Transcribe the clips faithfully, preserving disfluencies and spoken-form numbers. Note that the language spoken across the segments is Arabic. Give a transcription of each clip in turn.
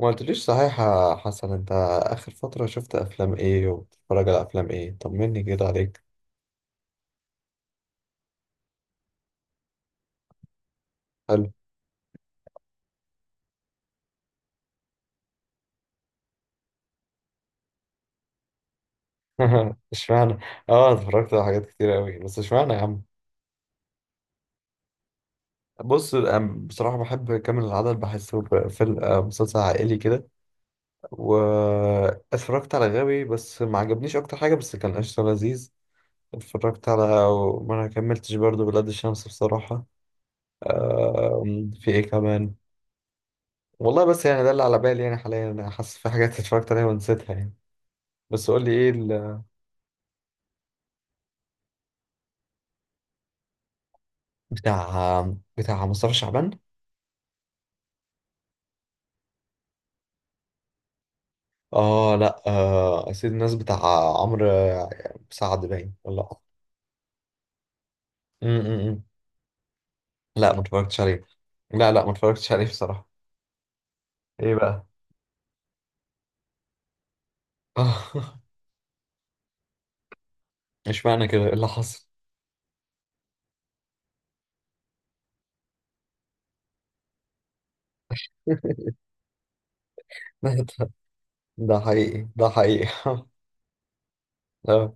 ما قلتليش صحيح يا حسن، انت اخر فترة شفت افلام ايه وبتتفرج على افلام ايه؟ طمني كده عليك. حلو. اشمعنى؟ اه، اتفرجت على حاجات كتير قوي، بس اشمعنى يا عم؟ بص، أم- بصراحة بحب كامل العدد، بحسه ب- فيلم، آه، مسلسل عائلي كده. واتفرجت على غاوي، بس ما عجبنيش اكتر حاجة، بس كان قشطة لذيذ. اتفرجت على... ما انا كملتش برضه بلاد الشمس بصراحة. أم، في ايه كمان؟ والله بس يعني ده اللي على بالي يعني، حاليا انا حاسس في حاجات اتفرجت عليها ونسيتها يعني. بس قول لي ايه ال... بتاع بتاع مصطفى شعبان. اه، لا، آه سيد الناس بتاع... عمرو سعد، باين ولا؟ م- م- م. لا، ما اتفرجتش عليه. لا، لا، ما اتفرجتش عليه بصراحة. ايه بقى؟ مش معنى كده، ايه اللي حصل؟ ده ده حقيقي، ده حقيقي. اه.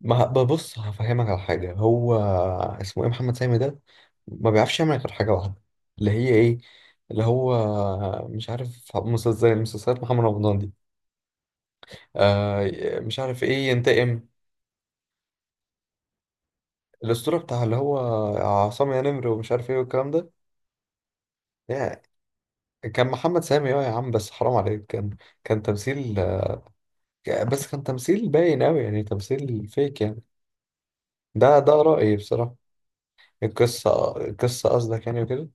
ما ببص هفهمك على حاجة، هو اسمه ايه محمد سامي ده؟ ما بيعرفش يعمل غير حاجة واحدة، اللي هي ايه؟ اللي هو مش عارف، مسلسل زي مسلسلات محمد رمضان دي، آه مش عارف ايه، ينتقم... الاسطوره، بتاع اللي هو عصام يا نمر ومش عارف ايه والكلام ده يعني، كان محمد سامي. اه يا عم، بس حرام عليك، كان كان تمثيل. آه، بس كان تمثيل باين اوي يعني، تمثيل فيك يعني. ده ده رأيي بصراحه. القصه القصه قصدك يعني وكده؟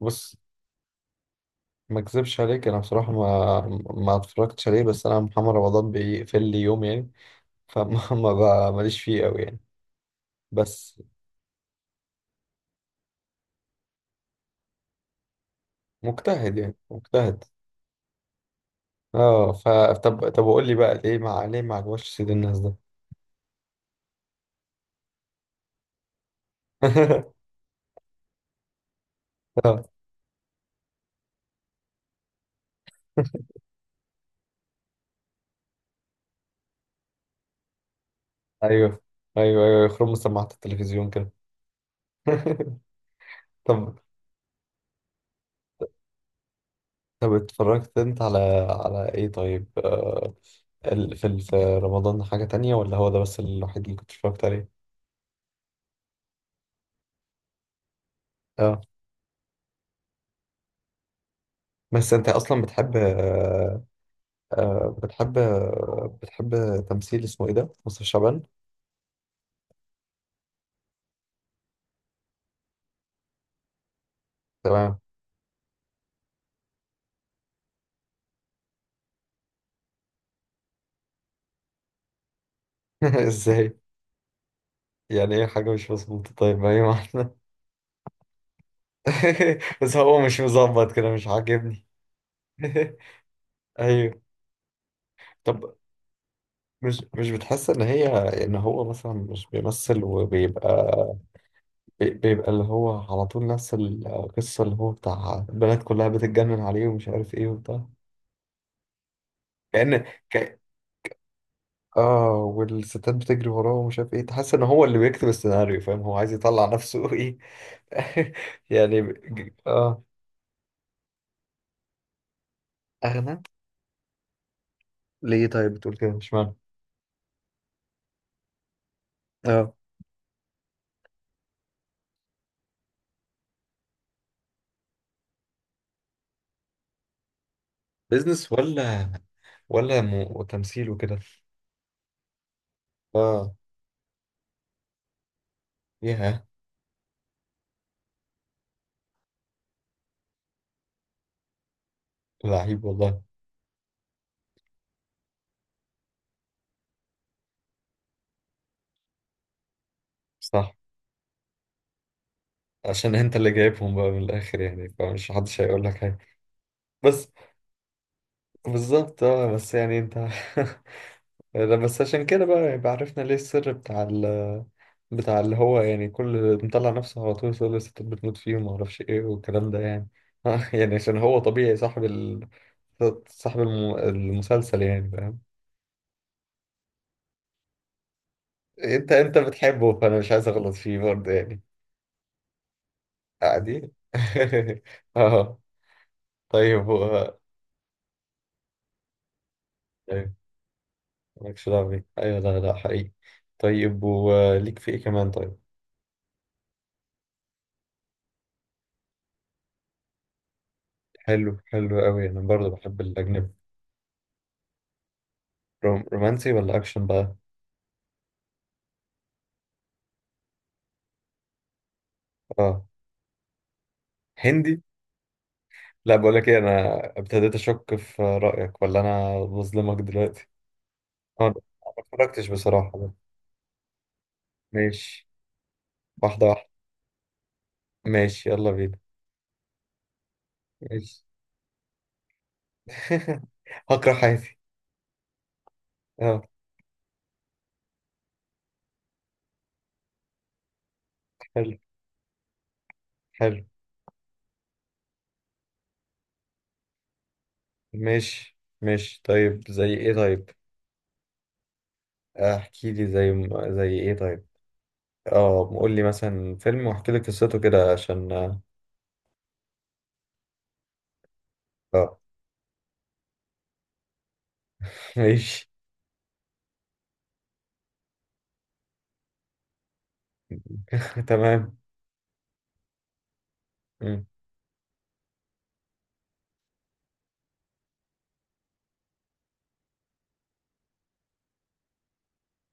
بص، ما اكذبش عليك، انا بصراحه ما، ما اتفرجتش عليه، بس انا محمد رمضان بيقفل لي يوم يعني، فما ما ب- ماليش فيه قوي يعني. بس مجتهد يعني مجتهد. اه، ف... طب طب قول لي بقى، ليه؟ مع ليه ما عجبوش سيد الناس ده؟ اه. ايوه، ايوه، ايوه، يخرم سماعة التلفزيون كده. طب طب اتفرجت انت على... على ايه طيب، آه ال- في ال- في رمضان حاجة تانية، ولا هو ده بس الوحيد اللي كنت اتفرجت عليه؟ اه، بس انت اصلا بتحب، آه آه بتحب آه بتحب تمثيل، اسمه ايه ده مصطفى شعبان؟ تمام. ازاي؟ يعني ايه حاجة مش مظبوطة؟ طيب، ايوه. بس هو مش مظبط كده، مش عاجبني. ايوه. طب، مش مش بتحس ان هي، ان هو مثلا مش بيمثل وبيبقى، بي- بيبقى اللي هو على طول نفس القصه، اللي هو بتاع البنات كلها بتتجنن عليه ومش عارف ايه وبتاع، كأن ك... اه، والستات بتجري وراه ومش عارف ايه، تحس ان هو اللي بيكتب السيناريو، فاهم هو عايز يطلع نفسه ايه. يعني ب- ج- اه. اغنى؟ ليه طيب بتقول كده؟ مش معنى... اه، بيزنس ولا، ولا م... وتمثيل وكده؟ اه. ياه. لعيب والله. صح. عشان انت اللي جايبهم بقى من الاخر يعني، فمش حدش هيقول لك حاجه. بس بالظبط، اه، بس يعني انت. ده بس عشان كده بقى، يبقى عرفنا ليه السر بتاع ال، بتاع اللي هو يعني كل مطلع نفسه على طول يقول الستات بتموت فيه وما اعرفش ايه والكلام ده يعني. يعني عشان هو طبيعي صاحب ال... صاحب الم... المسلسل يعني، فاهم؟ انت انت بتحبه، فانا مش عايز اغلط فيه برضه يعني. عادي اه. طيب، و... طيب، مالكش دعوة بيه، ايوه، لا، لا، حقيقي. طيب، وليك في ايه كمان طيب؟ حلو، حلو قوي، انا برضه بحب الاجنبي. روم... رومانسي ولا اكشن بقى؟ اه. هندي؟ لا، بقول لك ايه، انا ابتديت اشك في رايك، ولا انا بظلمك دلوقتي؟ اه، أنا ما اتفرجتش بصراحه بقى. ماشي، واحده واحده. ماشي، يلا بينا. ماشي هكره حياتي. اه. حلو، حلو. ماشي، ماشي، طيب، زي ايه طيب؟ احكي لي زي، زي ايه طيب؟ اه، قول لي مثلا فيلم واحكي لي قصته كده عشان... اه. ماشي. تمام. مم.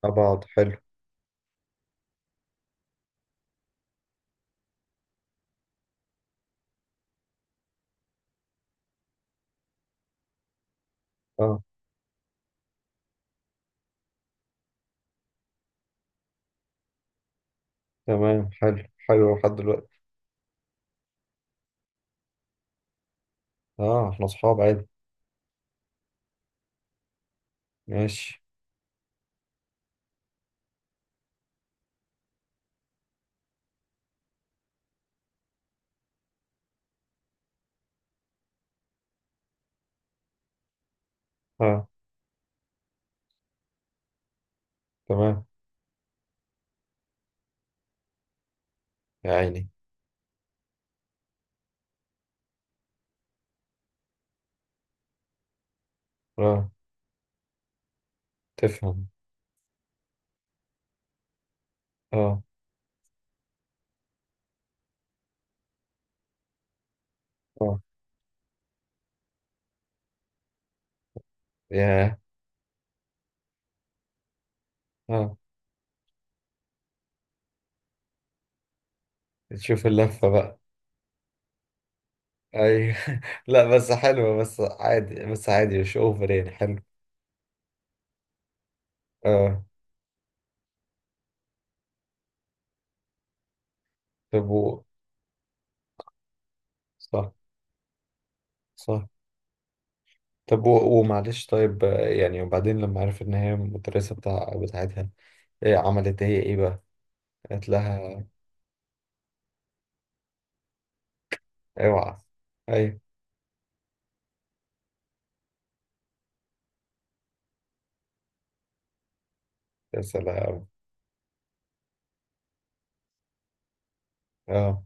مع بعض، حلو. اه، تمام، حلو، حلو لحد دلوقتي. اه، احنا اصحاب عادي. ماشي. اه. تمام. يا عيني. اه، تفهم. اه. اه، ياه. اه. تشوف اللفة بقى. اي لا بس حلوة، بس عادي، بس عادي مش اوفر يعني، حلو. اه، طب و- صح، صح. طب و- ومعلش طيب، آه، يعني وبعدين لما عرفت ان هي المدرسة بتاع بتاعتها، إيه عملت هي ايه بقى؟ قالت لها... اوعى. ايوه. يا سلام. اه.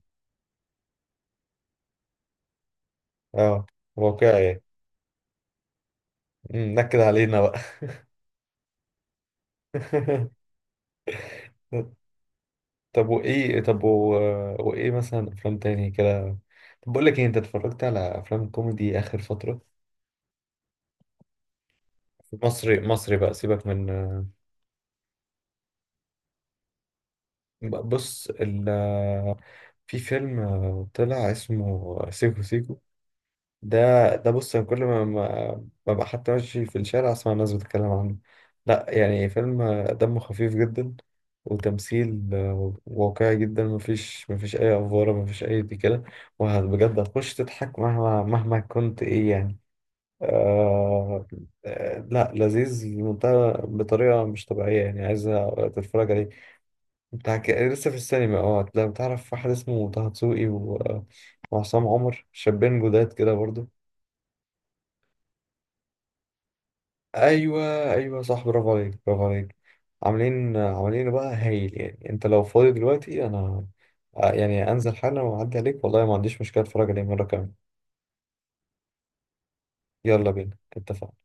اه، واقعي. أمم، نكد علينا بقى. طب وايه، طب و... وايه مثلا افلام تاني كده؟ طب بقول لك ايه، انت اتفرجت على افلام كوميدي اخر فترة؟ مصري، مصري بقى، سيبك من... بص ال... في فيلم طلع اسمه سيكو سيكو، ده، ده بص، أنا كل ما ما ببقى حتى ماشي في الشارع أسمع الناس بتتكلم عنه. لا يعني فيلم دمه خفيف جدا، وتمثيل آه، واقعي جدا، مفيش مفيش أي أفوارة، مفيش أي دي كده. وبجد هتخش تضحك مهما مهما كنت إيه يعني. آه. آه، لا، لذيذ لمنتهى بطريقة مش طبيعية يعني، عايز تتفرج عليه. انت هك- لسه في السينما، اه. لو تعرف واحد اسمه طه دسوقي و- وعصام عمر، شابين جداد كده برضو. ايوه، ايوه، صح، برافو عليك، برافو عليك. عاملين عاملين بقى هايل يعني، انت لو فاضي دلوقتي، انا آه، يعني انزل حالا واعدي عليك، والله ما عنديش مشكله، اتفرج عليه مره كمان. يلا بينا، اتفقنا.